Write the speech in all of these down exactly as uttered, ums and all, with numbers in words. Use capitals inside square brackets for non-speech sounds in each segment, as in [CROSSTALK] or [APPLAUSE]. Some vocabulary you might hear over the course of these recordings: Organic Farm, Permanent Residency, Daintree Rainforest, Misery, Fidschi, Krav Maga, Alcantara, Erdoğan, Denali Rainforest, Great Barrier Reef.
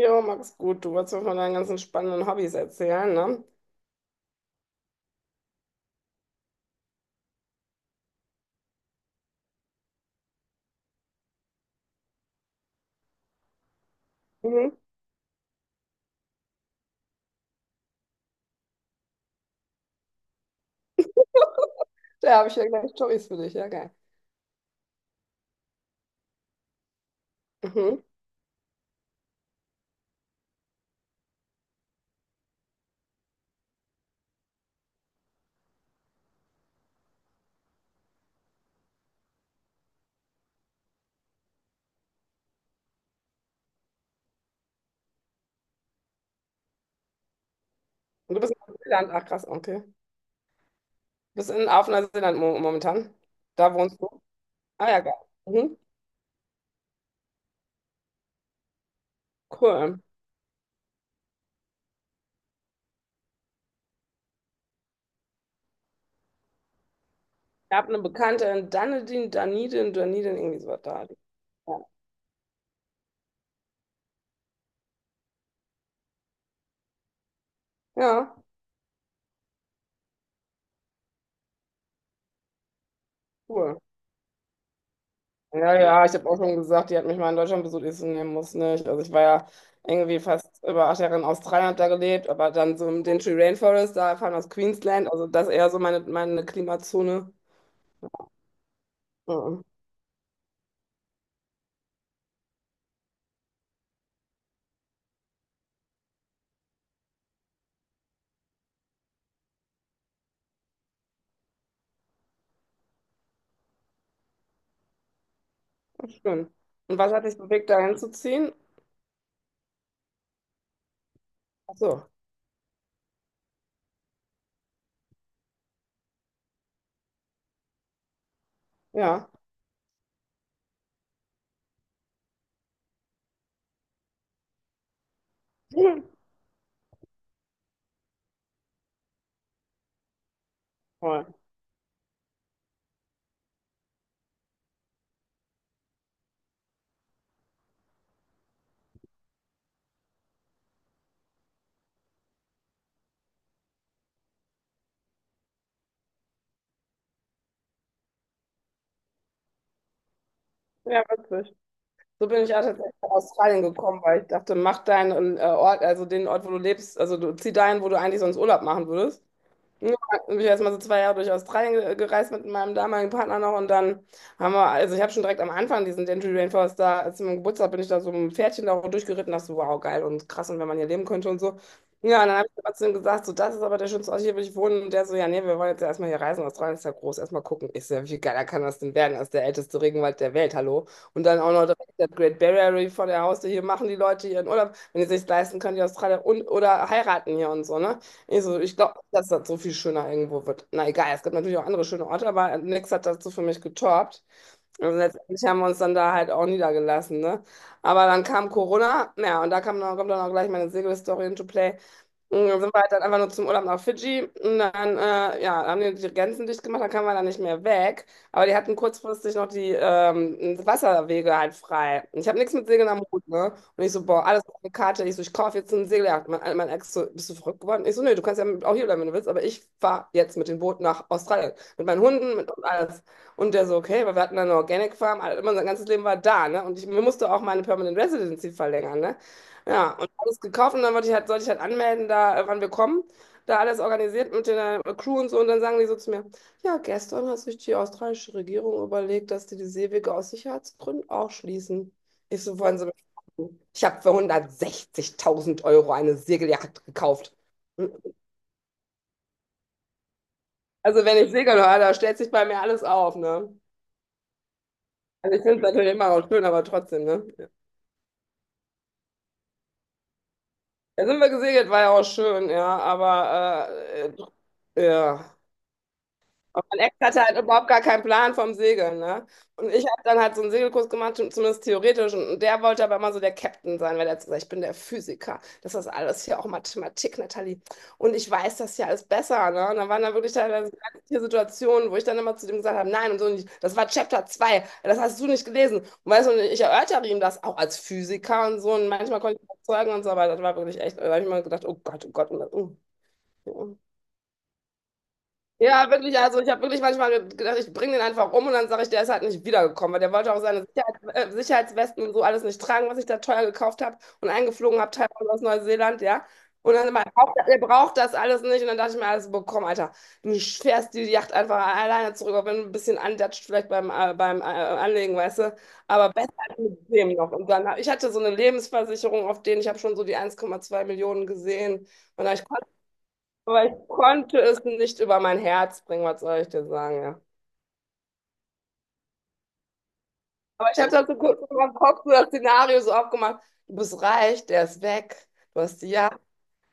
Jo, mach's gut, du wolltest mir von deinen ganzen spannenden Hobbys erzählen, ne? Mhm. [LAUGHS] Da habe ich ja gleich Storys für dich, ja, geil. Mhm. Und du bist in Neuseeland, ach krass, okay. Bist in, auf Neuseeland mo momentan. Da wohnst du. Ah ja, geil. Mhm. Cool. Ich habe eine Bekannte in Dunedin, Dunedin, Dunedin, irgendwie sowas da. Ja, ja, cool. Ja, ja, ich habe auch schon gesagt, die hat mich mal in Deutschland besucht. Ich so, nee, muss nicht. Also ich war ja irgendwie fast über acht Jahre in Australien, habe da gelebt, aber dann so im Daintree Rainforest, da fahren aus Queensland, also das eher so meine, meine Klimazone. Ja, schön. Und was hat dich bewegt, da hinzuziehen? Ach so, ja. [LAUGHS] Hm, toll. Ja, witzig. So bin ich auch tatsächlich nach Australien gekommen, weil ich dachte, mach deinen äh, Ort, also den Ort, wo du lebst, also du zieh dahin, wo du eigentlich sonst Urlaub machen würdest. Ja, ich bin ich erstmal so zwei Jahre durch Australien ge- gereist mit meinem damaligen Partner noch. Und dann haben wir, also ich habe schon direkt am Anfang diesen Denali Rainforest da, als meinem Geburtstag bin ich da so mit einem Pferdchen da durchgeritten, dachte so, wow, geil und krass und wenn man hier leben könnte und so. Ja, und dann habe ich trotzdem gesagt, so, das ist aber der schönste Ort, hier will ich wohnen. Und der so, ja, nee, wir wollen jetzt ja erstmal hier reisen, Australien ist ja groß, erstmal gucken. Ich so, ja, wie geiler kann das denn werden, das ist der älteste Regenwald der Welt, hallo. Und dann auch noch direkt das Great Barrier Reef vor der Haustür, hier machen die Leute ihren Urlaub, wenn die sich leisten können, die Australier, und oder heiraten hier und so, ne? Ich so, ich glaube nicht, dass das so viel schöner irgendwo wird. Na egal, es gibt natürlich auch andere schöne Orte, aber nichts hat dazu für mich getoppt. Und letztendlich haben wir uns dann da halt auch niedergelassen, ne? Aber dann kam Corona, ja, und da kam dann, kommt dann auch gleich meine Segel-Story into play. Und dann sind wir halt dann einfach nur zum Urlaub nach Fidschi, und dann, äh, ja, haben die die Grenzen dicht gemacht, dann kamen wir da nicht mehr weg. Aber die hatten kurzfristig noch die ähm, Wasserwege halt frei. Und ich habe nichts mit Segeln am Hut, ne? Und ich so, boah, alles auf eine Karte. Ich so, ich kaufe jetzt ein Segeljagd. Mein, mein Ex so, bist du verrückt geworden? Ich so, nee, du kannst ja auch hier bleiben, wenn du willst, aber ich fahre jetzt mit dem Boot nach Australien. Mit meinen Hunden, mit und alles. Und der so, okay, weil wir hatten dann eine Organic Farm, also immer unser ganzes Leben war da, ne? Und ich mir musste auch meine Permanent Residency verlängern, ne? Ja, und alles gekauft, und dann wollte ich halt, sollte ich halt anmelden, da, äh, wann wir kommen. Da alles organisiert mit der äh, Crew und so. Und dann sagen die so zu mir, ja, gestern hat sich die australische Regierung überlegt, dass die die Seewege aus Sicherheitsgründen auch schließen. Ich so, wollen Sie mich verarschen? Ich habe für hundertsechzigtausend Euro eine Segeljacht gekauft. Hm. Also wenn ich segeln höre, da stellt sich bei mir alles auf, ne? Also ich finde es natürlich immer auch schön, aber trotzdem, ne? Da sind wir gesegelt, war ja auch schön, ja, aber äh, äh, ja. Und mein Ex hatte halt überhaupt gar keinen Plan vom Segeln, ne? Und ich habe dann halt so einen Segelkurs gemacht, schon zumindest theoretisch. Und der wollte aber immer so der Captain sein, weil der hat gesagt, ich bin der Physiker. Das ist alles hier auch Mathematik, Nathalie. Und ich weiß das ja alles besser, ne? Und dann waren da wirklich teilweise ganz viele Situationen, wo ich dann immer zu dem gesagt habe, nein und so nicht. Das war Chapter zwei. Das hast du nicht gelesen. Und weißt du, und ich erörtere ihm das auch als Physiker und so. Und manchmal konnte ich ihn überzeugen und so, aber das war wirklich echt, da habe ich mal gedacht, oh Gott, oh Gott, oh Gott. Oh. Oh. Ja, wirklich, also ich habe wirklich manchmal gedacht, ich bringe den einfach um und dann sage ich, der ist halt nicht wiedergekommen, weil der wollte auch seine Sicherheits äh, Sicherheitswesten und so alles nicht tragen, was ich da teuer gekauft habe und eingeflogen habe, teilweise aus Neuseeland, ja. Und dann immer, er braucht er braucht das alles nicht. Und dann dachte ich mir, alles bekommen, Alter. Du fährst die Yacht einfach alleine zurück, auch wenn du ein bisschen andatscht, vielleicht beim, äh, beim äh, Anlegen, weißt du. Aber besser als mit dem noch. Und dann, hab- ich hatte so eine Lebensversicherung auf den, ich habe schon so die eins Komma zwei Millionen gesehen. Und dann, ich aber ich konnte es nicht über mein Herz bringen, was soll ich dir sagen, ja. Aber ich habe da so kurz in meinem Kopf so das Szenario so aufgemacht, du bist reich, der ist weg, du hast die Yacht.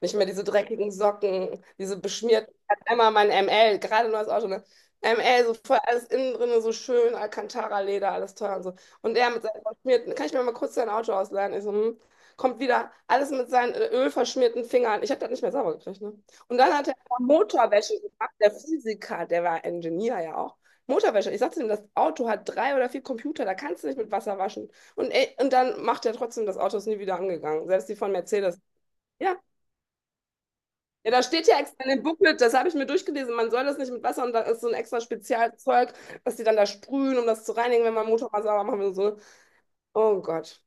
Nicht mehr diese dreckigen Socken, diese beschmierten. Ich hatte einmal mein M L, gerade neues Auto, ne? M L, so voll alles innen drin, so schön, Alcantara-Leder, alles teuer und so. Und er mit seinen verschmierten, kann ich mir mal kurz dein Auto ausleihen? Ich so, hm. Kommt wieder, alles mit seinen äh, ölverschmierten Fingern. Ich habe das nicht mehr sauber gekriegt, ne? Und dann hat er noch Motorwäsche gemacht, der Physiker, der war Ingenieur ja auch. Motorwäsche. Ich sagte ihm, das Auto hat drei oder vier Computer, da kannst du nicht mit Wasser waschen. Und, ey, und dann macht er trotzdem, das Auto ist nie wieder angegangen. Selbst die von Mercedes. Ja. Ja, da steht ja extra in dem Booklet, das habe ich mir durchgelesen, man soll das nicht mit Wasser, und da ist so ein extra Spezialzeug, was die dann da sprühen, um das zu reinigen, wenn man Motor mal sauber machen will. So. Oh Gott.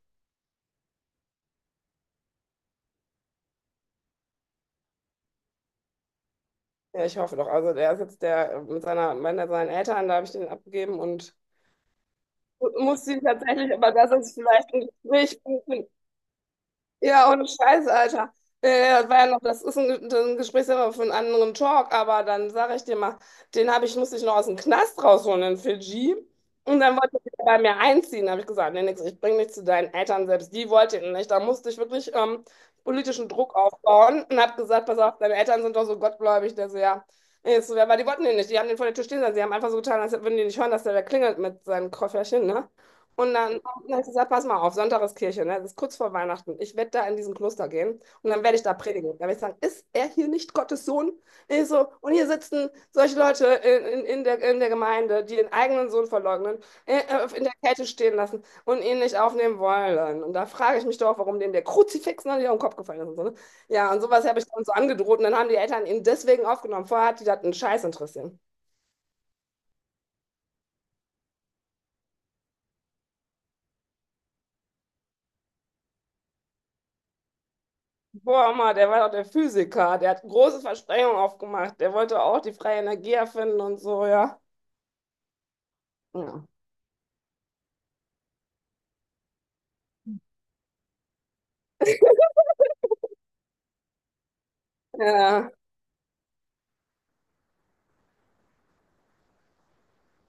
Ja, ich hoffe doch. Also der ist jetzt der mit seiner, mit seinen Eltern, da habe ich den abgegeben und muss ihn tatsächlich, aber das ist vielleicht ein Gespräch. Ja, ohne Scheiße, Alter. Äh, das war ja noch, das ist ein, ein Gesprächsthema für einen anderen Talk, aber dann sage ich dir mal, den habe ich, musste ich noch aus dem Knast rausholen in Fidschi. Und dann wollte er bei mir einziehen. Da habe ich gesagt, nee, nix, ich bringe dich zu deinen Eltern selbst. Die wollten ihn nicht. Da musste ich wirklich ähm, politischen Druck aufbauen und habe gesagt, pass auf, deine Eltern sind doch so gottgläubig. Der so, ja. Ich so, ja, aber die wollten ihn nicht. Die haben den vor der Tür stehen lassen. Sie haben einfach so getan, als würden die nicht hören, dass der da klingelt mit seinem Kofferchen, ne? Und dann und dann habe ich gesagt, pass mal auf, Sonntag ist Kirche, ne? Das ist kurz vor Weihnachten. Ich werde da in diesen Kloster gehen und dann werde ich da predigen. Dann werde ich sagen, ist er hier nicht Gottes Sohn? Ich so, und hier sitzen solche Leute in, in, in, der, in der Gemeinde, die den eigenen Sohn verleugnen, äh, äh, in der Kälte stehen lassen und ihn nicht aufnehmen wollen. Und da frage ich mich doch, warum denen der Kruzifix noch nicht auf den Kopf gefallen ist und so, ne? Ja, und sowas habe ich dann so angedroht, und dann haben die Eltern ihn deswegen aufgenommen. Vorher hat die das einen Scheiß interessiert. Boah, Mann, der war doch der Physiker, der hat große Versprechungen aufgemacht, der wollte auch die freie Energie erfinden und so, ja. Ja. Ja.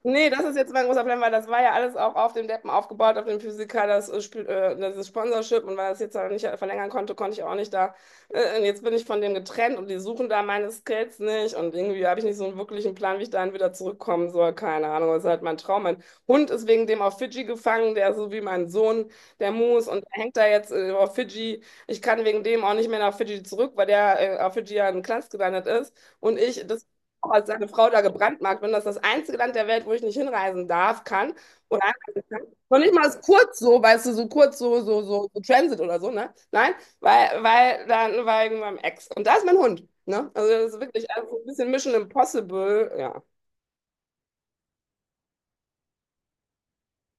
Nee, das ist jetzt mein großer Plan, weil das war ja alles auch auf dem Deppen aufgebaut, auf dem Physiker, das, äh, Spiel- äh, das Sponsorship, und weil das jetzt aber nicht verlängern konnte, konnte ich auch nicht da. Äh, und jetzt bin ich von dem getrennt und die suchen da meine Skills nicht, und irgendwie habe ich nicht so einen wirklichen Plan, wie ich dahin wieder zurückkommen soll. Keine Ahnung, das ist halt mein Traum. Mein Hund ist wegen dem auf Fidschi gefangen, der ist so wie mein Sohn, der Moose, und der hängt da jetzt äh, auf Fidschi. Ich kann wegen dem auch nicht mehr nach Fidschi zurück, weil der äh, auf Fidschi ja in Knast gelandet ist. Und ich, das auch als seine Frau da gebrandmarkt bin. Das ist das einzige Land der Welt, wo ich nicht hinreisen darf, kann oder einreisen kann. Noch nicht mal ist kurz so, weißt du, so kurz so, so, so, so, Transit oder so, ne? Nein, weil, weil dann war ich mit meinem Ex. Und da ist mein Hund, ne? Also das ist wirklich, also ein bisschen Mission Impossible, ja.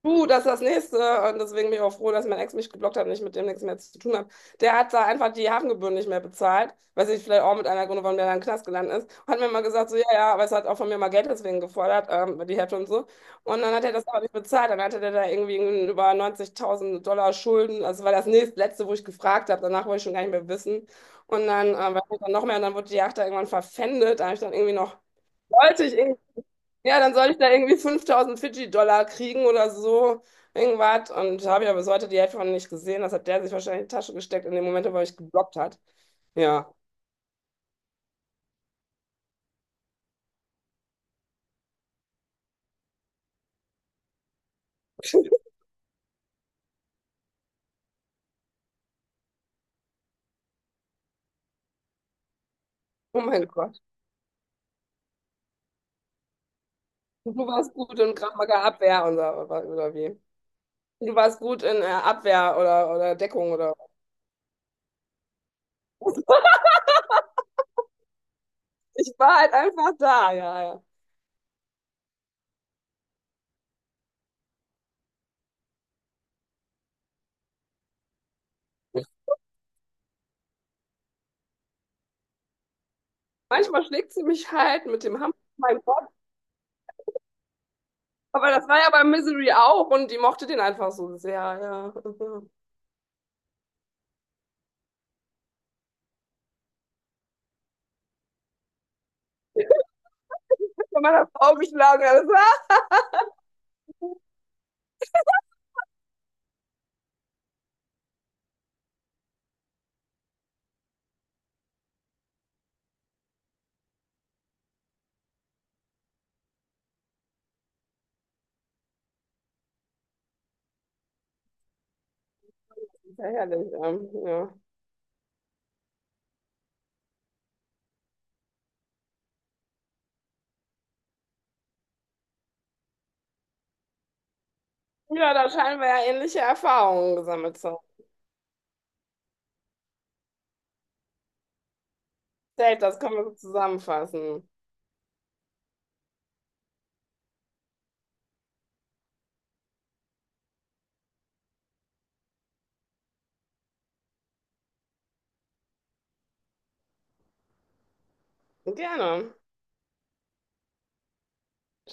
Du, das ist das Nächste. Und deswegen bin ich auch froh, dass mein Ex mich geblockt hat und ich mit dem nichts mehr zu tun habe. Der hat da einfach die Hafengebühren nicht mehr bezahlt. Weiß ich, vielleicht auch mit einer Gründe, warum der dann im Knast gelandet ist. Und hat mir mal gesagt, so, ja, ja, aber es hat auch von mir mal Geld deswegen gefordert, ähm, die Hälfte und so. Und dann hat er das aber nicht bezahlt. Dann hatte der da irgendwie über neunzigtausend Dollar Schulden. Also das war das nächstletzte, wo ich gefragt habe. Danach wollte ich schon gar nicht mehr wissen. Und dann, äh, war ich dann noch mehr. Und dann wurde die Yacht da irgendwann verpfändet. Da habe ich dann irgendwie noch, wollte ich irgendwie, ja, dann soll ich da irgendwie fünftausend Fidschi-Dollar kriegen oder so, irgendwas. Und habe ja bis heute die Hälfte von nicht gesehen. Das hat der sich wahrscheinlich in die Tasche gesteckt in dem Moment, wo er mich geblockt hat. Ja. [LAUGHS] Oh mein Gott. Du warst gut in Krav Maga Abwehr und so, oder, oder wie? Du warst gut in äh, Abwehr oder, oder Deckung oder was. [LAUGHS] Ich war halt einfach da, ja, ja. Manchmal schlägt sie mich halt mit dem Hammer in meinen Kopf. Aber das war ja bei Misery auch, und die mochte den einfach so sehr, ja. [LAUGHS] Von meiner Frau geschlagen, alles. Sehr ähm, ja. Ja, da scheinen wir ja ähnliche Erfahrungen gesammelt zu haben. Safe, das können wir so zusammenfassen. Gerne.